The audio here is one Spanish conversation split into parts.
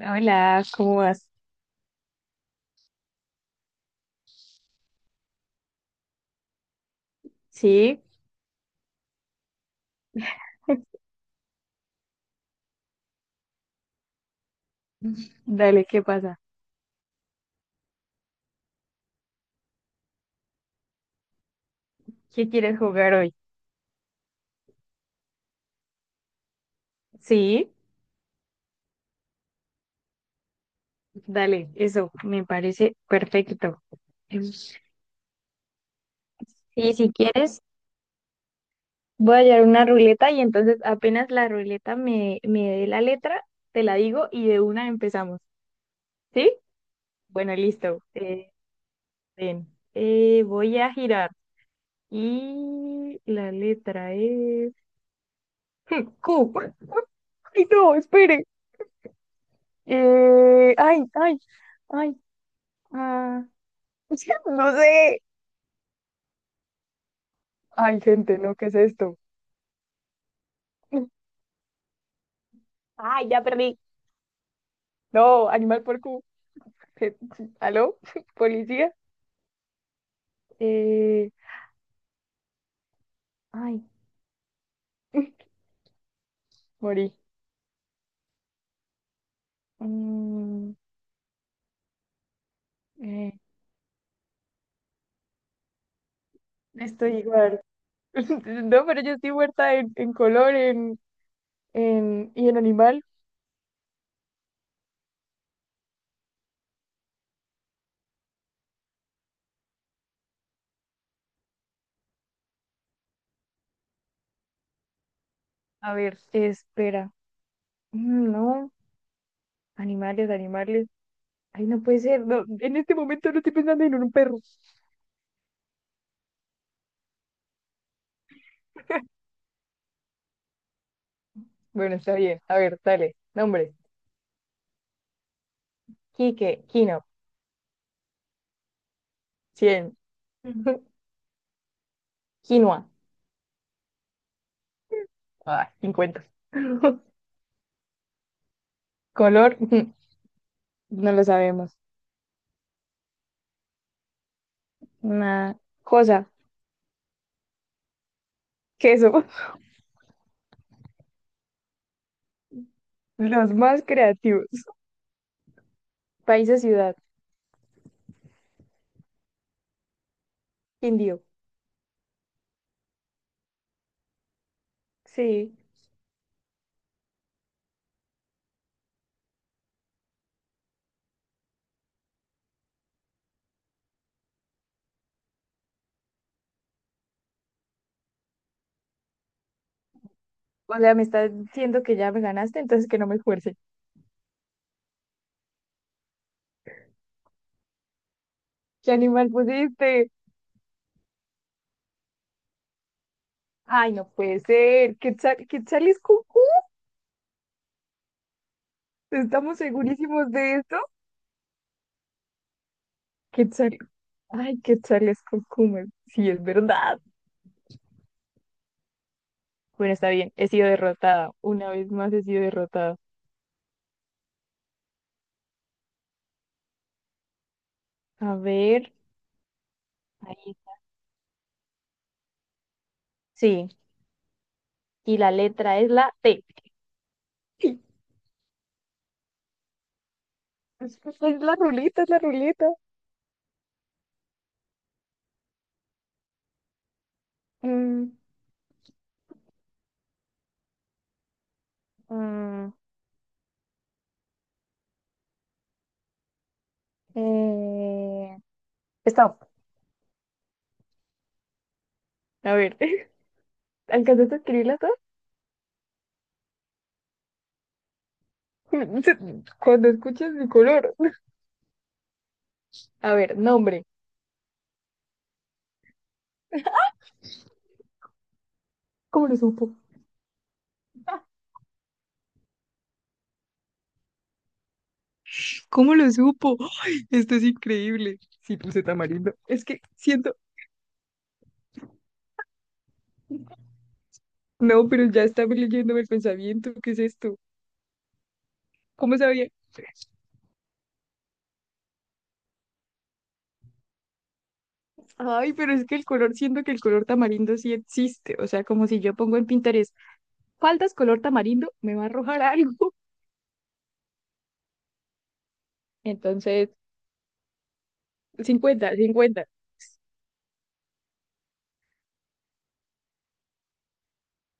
Hola, ¿cómo vas? Sí, dale, ¿qué pasa? ¿Qué quieres jugar hoy? Sí, dale, eso me parece perfecto. Em, Sí, si quieres, voy a hallar una ruleta y entonces apenas la ruleta me dé la letra, te la digo y de una empezamos. ¿Sí? Bueno, listo. Bien. Voy a girar y la letra es Q. Ay, no, espere. Ay, ay, ay. Ah, no sé. Ay, gente, no, ¿qué es esto? Ay, ya perdí. No, animal por Q. Je- ¿Aló? ¿Policía? Eh, ay, morí. Mm, eh, estoy igual. No, pero yo estoy muerta en, color, y en animal. A ver, espera. No, animales, animales. Ay, no puede ser. No, en este momento no estoy pensando en un perro. Bueno, está bien. A ver, dale. Nombre. Quique, Kino. 100. Quinoa, ay, 50. Color, ujú. No lo sabemos. Una cosa, queso. Los más creativos. País o ciudad, indio. Sí. O sea, me está diciendo que ya me ganaste, entonces que no me esfuerce. ¿Qué animal pusiste? Ay, no puede ser. Quetzal, Quetzal es cucú. ¿Estamos segurísimos de esto? Quetzal. Ay, Quetzal es cucú. Sí, es verdad. Bueno, está bien. He sido derrotada. Una vez más he sido derrotada. A ver, ahí sí. Y la letra es la T. Es la ruleta, es la ruleta. Mm, mm, eh, stop. A ver, ¿alcanzaste a escribirla todas? Cuando escuches mi color. A ver, nombre. ¿Cómo lo supo? ¿Cómo lo supo? ¡Ay! Esto es increíble. Sí, puse tamarindo. Es que siento. No, pero ya estaba leyéndome el pensamiento. ¿Qué es esto? ¿Cómo sabía? Ay, pero es que el color, siento que el color tamarindo sí existe. O sea, como si yo pongo en Pinterest faldas color tamarindo, me va a arrojar algo. Entonces, 50-50.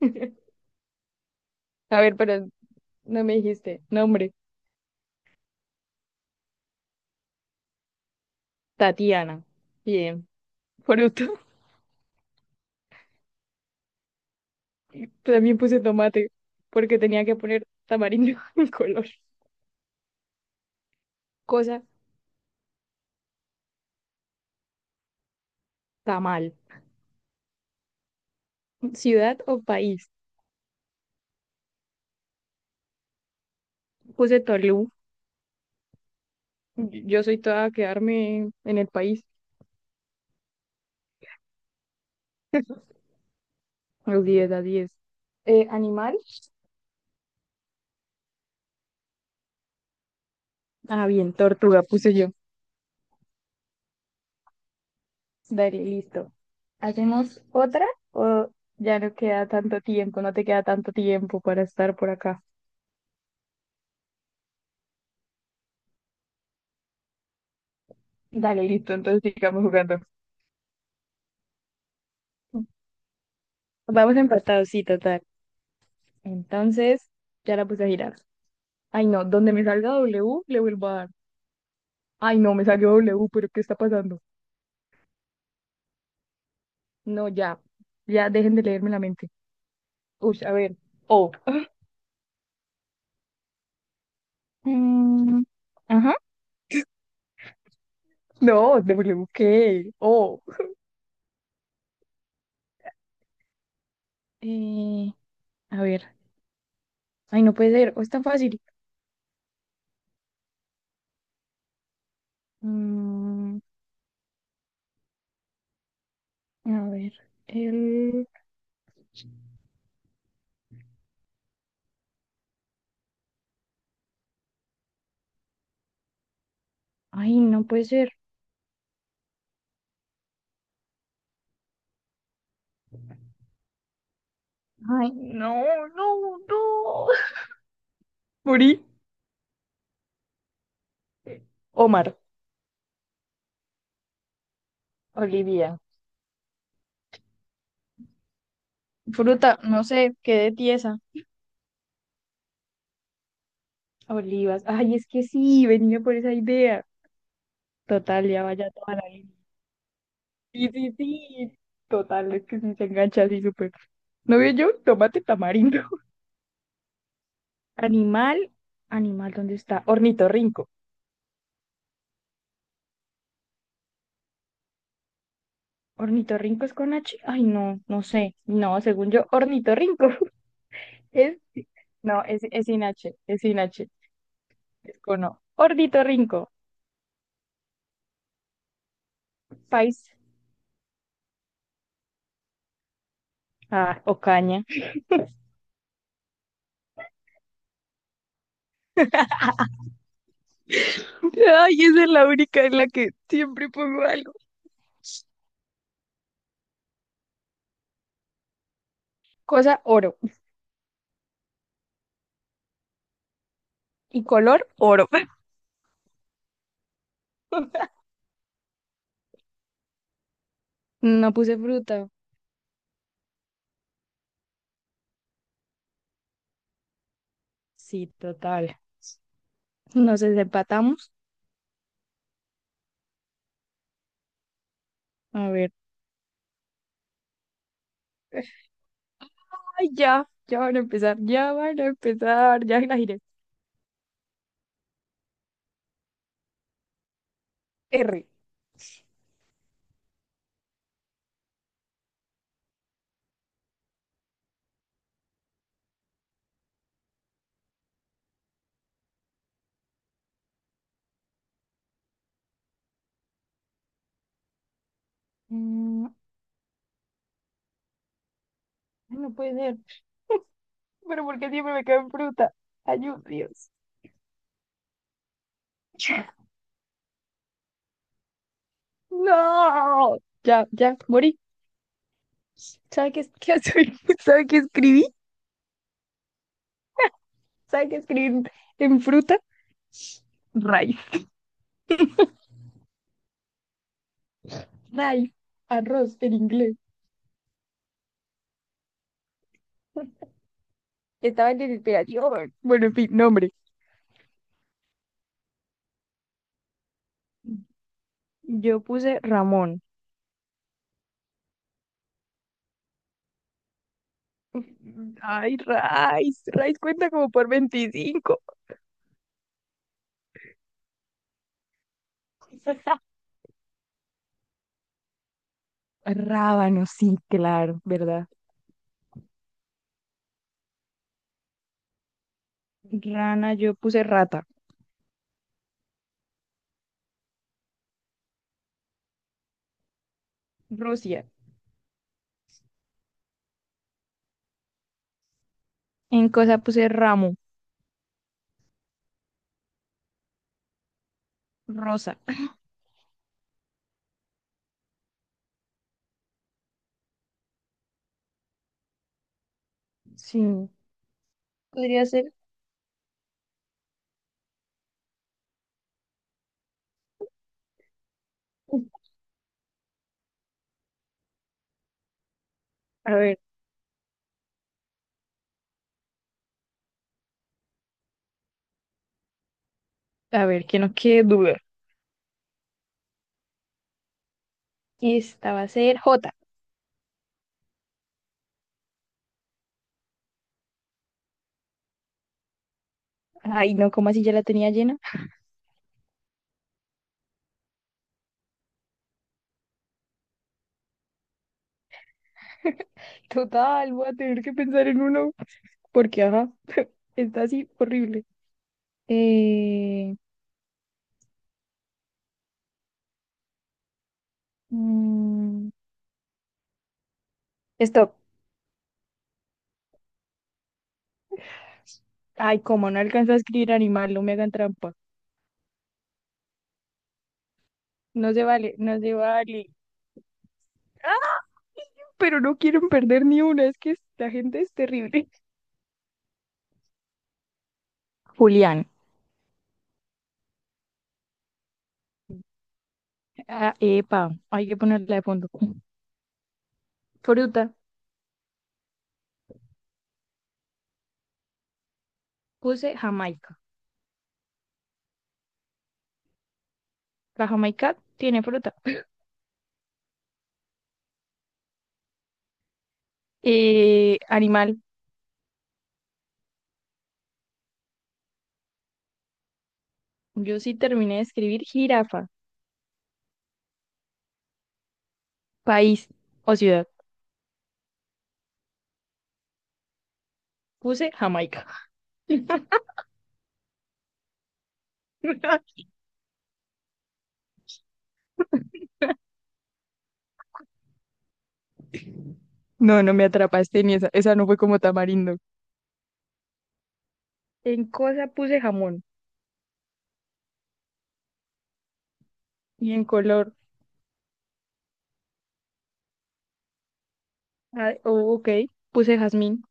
A ver, pero no me dijiste. Nombre, Tatiana. Bien. Fruto. También puse tomate, porque tenía que poner tamarindo en color. Cosa, tamal. Ciudad o país. Puse Tolú. Yo soy toda a quedarme en el país. Los 10-10. Animal, ah, bien, tortuga puse yo. Dale, listo. ¿Hacemos otra o ya no queda tanto tiempo? No te queda tanto tiempo para estar por acá. Dale, listo, entonces sigamos jugando. Vamos empatados, sí, total. Entonces, ya la puse a girar. Ay, no, donde me salga W, le vuelvo a dar. Ay, no, me salió W, pero ¿qué está pasando? No, ya, ya dejen de leerme la mente. Uy, a ver, O. Mm, ajá, no, W, ¿qué? O. Eh, a ver. Ay, no puede ser. O es tan fácil. Mm, a ver. El. Ay, no puede ser. Ay, no, no, no. Morí. Omar. Olivia. Fruta, no sé, quedé tiesa. Olivas. Ay, es que sí, venía por esa idea. Total, ya vaya toda la línea. Sí, sí, sí. Total, es que sí se engancha así súper. ¿No veo yo? Tomate tamarindo. Animal, animal, ¿dónde está? Ornitorrinco. Ornitorrinco es con H. Ay, no, no sé. No, según yo, ornitorrinco. Es, no, es sin H, es sin H. Es con O. Ornitorrinco. País. Ah, o caña. Ay, esa es la única en la que siempre pongo algo. Cosa oro. Y color oro. No puse fruta. Sí, total. Nos desempatamos. A ver. Ay, ya. Ya van a empezar. Ya van a empezar. Ya la giré. R. Mm, no puede ser. Pero ¿por qué siempre me caen fruta? Ayúdame, Dios. No. Ya, ya, morí. ¿Sabe qué, qué, soy? ¿Sabe qué escribí? ¿Sabe qué escribí en fruta? Rice. Rice. Arroz en inglés. Estaba en desesperación. Bueno, en fin, nombre. Yo puse Ramón. Ay, Rice. Rice cuenta como por 25. Rábano, sí, claro, ¿verdad? Rana, yo puse rata. Rusia. En cosa puse ramo. Rosa. Sí, podría ser. A ver, a ver, que no quede duda. Esta va a ser J. Ay, no, ¿cómo así ya la tenía llena? Total, voy a tener que pensar en uno. Porque, ajá, está así horrible. Eh, mm, stop. Ay, como no alcanzo a escribir animal, no me hagan trampa. No se vale, no se vale. Ah, pero no quieren perder ni una. Es que la gente es terrible. Julián. Ah, epa, hay que ponerla de fondo. Fruta. Puse Jamaica. La jamaica tiene fruta. Animal. Yo sí terminé de escribir jirafa. País o ciudad. Puse Jamaica. No, no me atrapaste ni esa. Esa no fue como tamarindo. En cosa puse jamón. Y en color. Ah, oh, ok. Puse jazmín.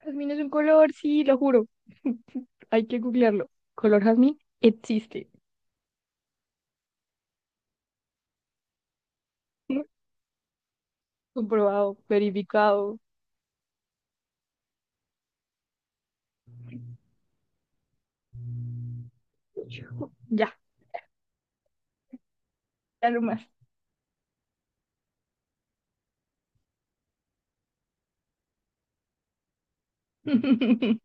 Jazmín es un color, sí, lo juro. Hay que googlearlo. Color jazmín existe. Comprobado, verificado. Ya, ya no más.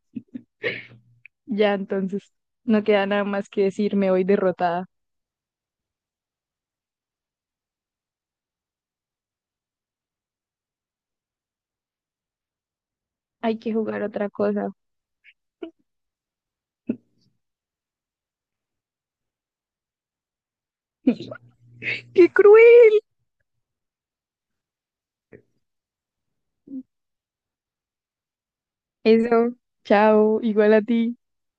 Ya, entonces no queda nada más que decir, me voy derrotada. Hay que jugar otra cosa. ¡Qué cruel! Eso, chao, igual a ti.